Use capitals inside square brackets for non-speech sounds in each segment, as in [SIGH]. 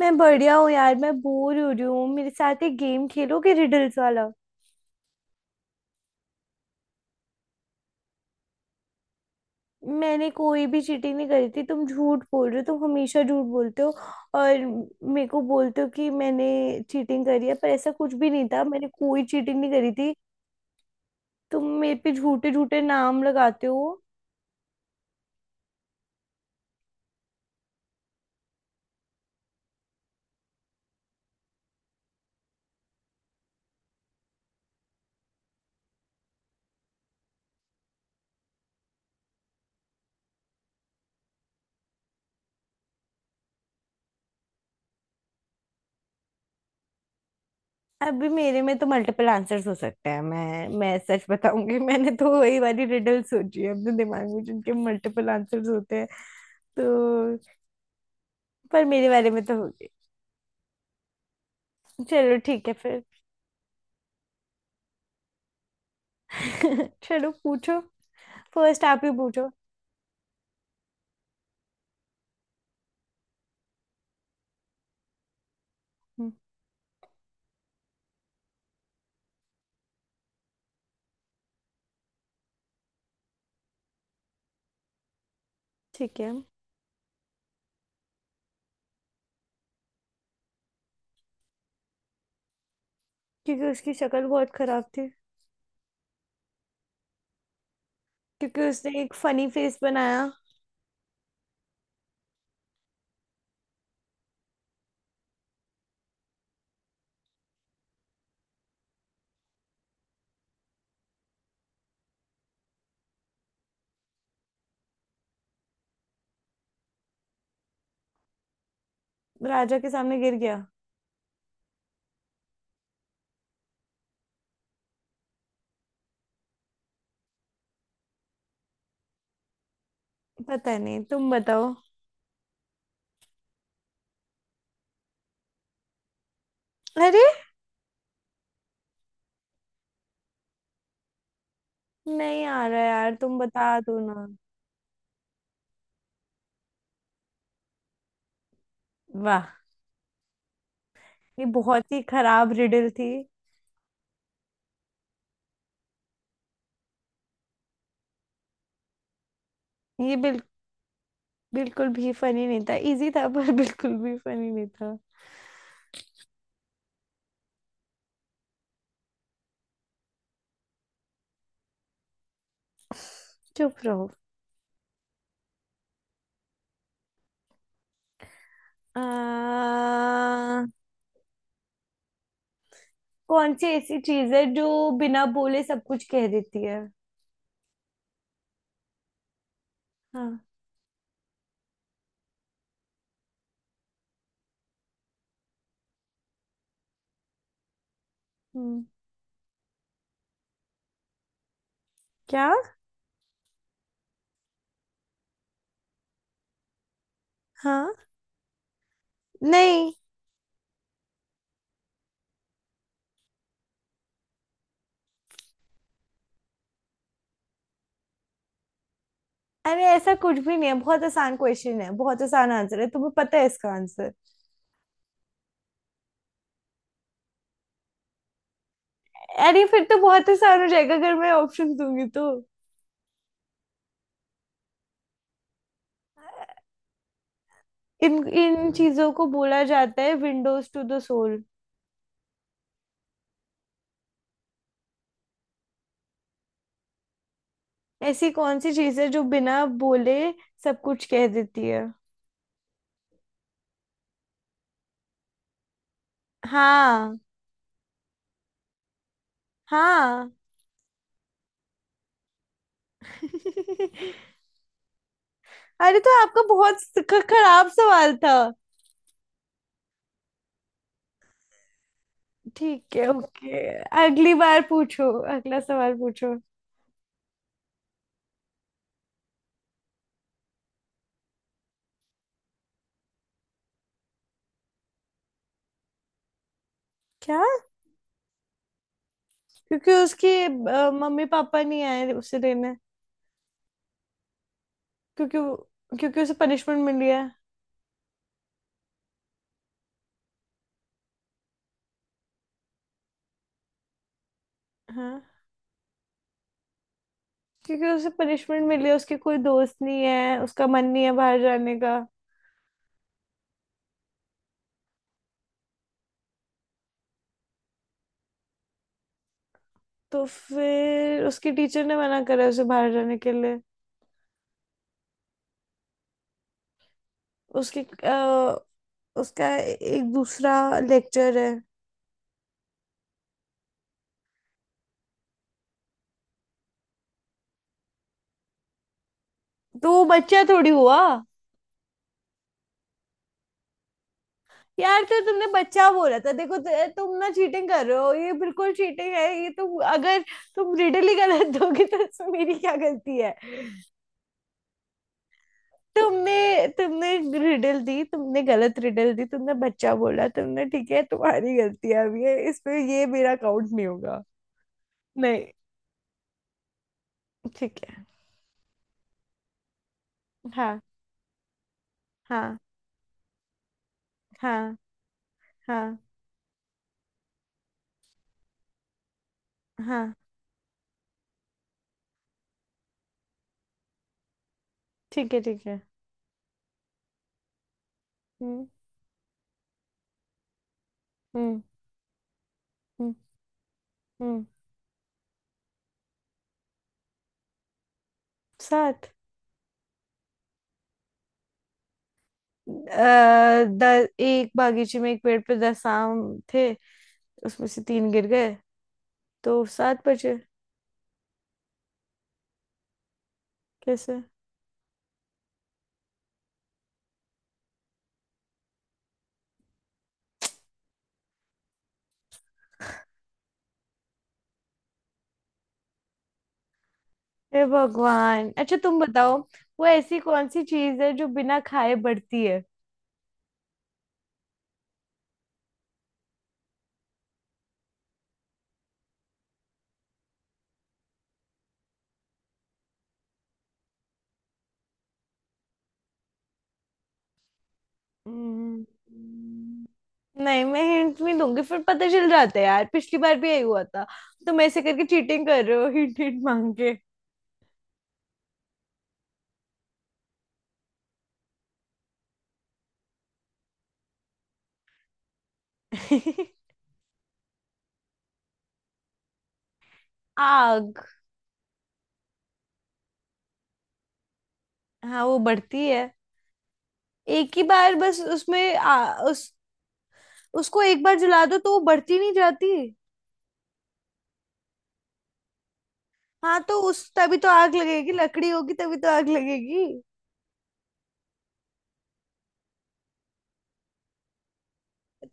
मैं बढ़िया हूँ यार। मैं बोर हो रही हूँ, मेरे साथ एक गेम खेलोगे रिडल्स वाला? मैंने कोई भी चीटिंग नहीं करी थी। तुम झूठ बोल रहे हो, तुम हमेशा झूठ बोलते हो। और मेरे को बोलते हो कि मैंने चीटिंग करी है, पर ऐसा कुछ भी नहीं था। मैंने कोई चीटिंग नहीं करी थी। तुम मेरे पे झूठे झूठे नाम लगाते हो। अभी मेरे में तो मल्टीपल आंसर्स हो सकते हैं। मैं सच बताऊंगी, मैंने तो वही वाली रिडल सोची है अपने दिमाग में जिनके मल्टीपल आंसर्स होते हैं। तो पर मेरे बारे में तो। चलो ठीक है फिर। [LAUGHS] चलो पूछो। फर्स्ट आप ही पूछो। हम्म, ठीक है। क्योंकि उसकी शक्ल बहुत खराब थी। क्योंकि उसने एक फनी फेस बनाया। राजा के सामने गिर गया। पता नहीं, तुम बताओ। अरे नहीं आ रहा यार, तुम बता दो ना। वाह! ये बहुत ही खराब रिडल थी। ये बिल, बिल्कुल भी फनी नहीं था, इजी था पर [LAUGHS] बिल्कुल भी फनी नहीं था। चुप रहो। आ, कौन सी ऐसी चीज है जो बिना बोले सब कुछ कह देती है? हाँ। हम्म, क्या? हाँ। नहीं। अरे ऐसा कुछ भी नहीं है, बहुत आसान क्वेश्चन है, बहुत आसान आंसर है। तुम्हें पता है इसका आंसर? अरे फिर तो बहुत आसान हो जाएगा अगर मैं ऑप्शन दूंगी तो। इन इन चीजों को बोला जाता है विंडोज टू द सोल। ऐसी कौन सी चीज है जो बिना बोले सब कुछ कह देती है? हाँ। हाँ। [LAUGHS] अरे तो आपका बहुत खराब सवाल था। ठीक है, ओके। अगली बार पूछो, अगला सवाल पूछो। क्या? क्योंकि उसकी मम्मी पापा नहीं आए उसे लेने। क्योंकि उसे पनिशमेंट मिली है। हाँ। क्योंकि उसे पनिशमेंट मिली है, उसके कोई दोस्त नहीं है, उसका मन नहीं है बाहर जाने का। तो फिर उसकी टीचर ने मना करा उसे बाहर जाने के लिए। उसकी अ, उसका एक दूसरा लेक्चर है। तो वो बच्चा थोड़ी हुआ। यार तो तुमने बच्चा बोला था, देखो तुम ना चीटिंग कर रहे हो। ये बिल्कुल चीटिंग है, ये तुम अगर तुम रिडल ही गलत दोगे तो इसमें मेरी क्या गलती है? तुमने तुमने रिडल दी, तुमने गलत रिडल दी, तुमने बच्चा बोला, तुमने ठीक है, तुम्हारी गलती है। अब ये इस पे ये मेरा काउंट नहीं होगा। नहीं। ठीक है। हाँ। हाँ। हाँ। हाँ। हाँ। ठीक है, ठीक है। हम्म। हम्म। हम्म। हम्म। सात। अ, द एक बागीचे में एक पेड़ पे 10 आम थे, उसमें से 3 गिर गए, तो सात बचे। कैसे? हे भगवान, अच्छा तुम बताओ। वो ऐसी कौन सी चीज है जो बिना खाए बढ़ती है? हम्म, नहीं, मैं हिंट नहीं दूंगी, फिर पता चल जाता है यार, पिछली बार भी यही हुआ था। तुम ऐसे करके चीटिंग कर रहे हो, हिंट हिंट मांग के। [LAUGHS] आग। हाँ वो बढ़ती है। एक ही बार बस उसमें आ, उस उसको एक बार जला दो तो वो बढ़ती नहीं जाती। हाँ तो उस तभी तो आग लगेगी, लकड़ी होगी तभी तो आग लगेगी।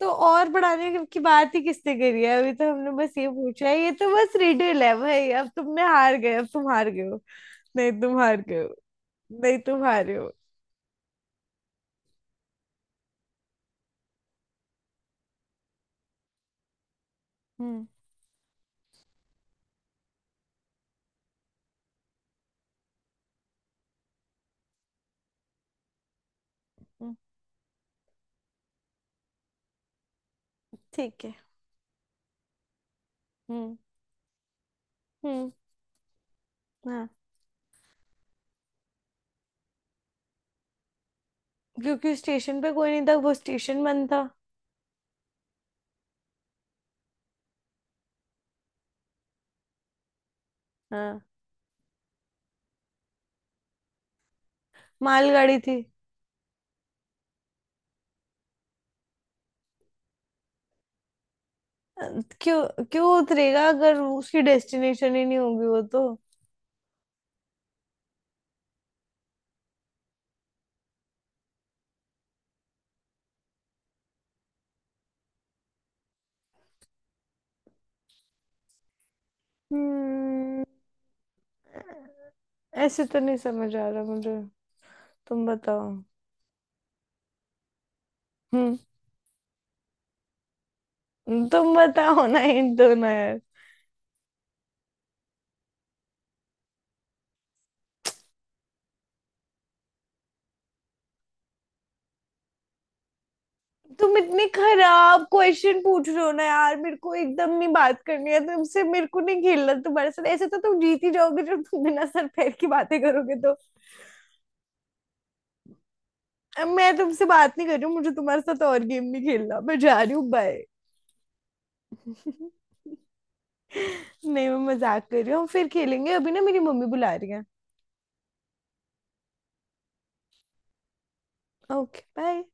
तो और बढ़ाने की बात ही किसने करी है? अभी तो हमने बस ये पूछा है, ये तो बस रिडल है भाई। अब तुमने हार गए, अब तुम हार गए हो। नहीं, तुम हार गए हो। नहीं, तुम हारे हो। हम्म। हम्म, ठीक है। हम्म। हम्म। हाँ। क्योंकि स्टेशन पे कोई नहीं था, वो स्टेशन बंद था। हाँ मालगाड़ी थी। अ, क्यों? क्यों उतरेगा अगर उसकी डेस्टिनेशन ही नहीं होगी वो तो। हम्म। ऐसे तो नहीं समझ आ रहा मुझे, तुम बताओ। हम्म। तुम बताओ ना, हिंट दो ना यार। तुम इतने खराब क्वेश्चन पूछ रहे हो ना यार, मेरे को एकदम नहीं बात करनी है तुमसे, मेरे को नहीं खेलना तुम्हारे साथ। ऐसे तो तुम जीत ही जाओगे जब तुम बिना सर पैर की बातें करोगे तो। अब मैं तुमसे बात नहीं कर रही हूँ, मुझे तुम्हारे साथ और गेम नहीं खेलना, मैं जा रही हूँ, बाय। [LAUGHS] नहीं, मैं मजाक कर रही हूँ। हम फिर खेलेंगे, अभी ना मेरी मम्मी बुला रही है। Okay bye.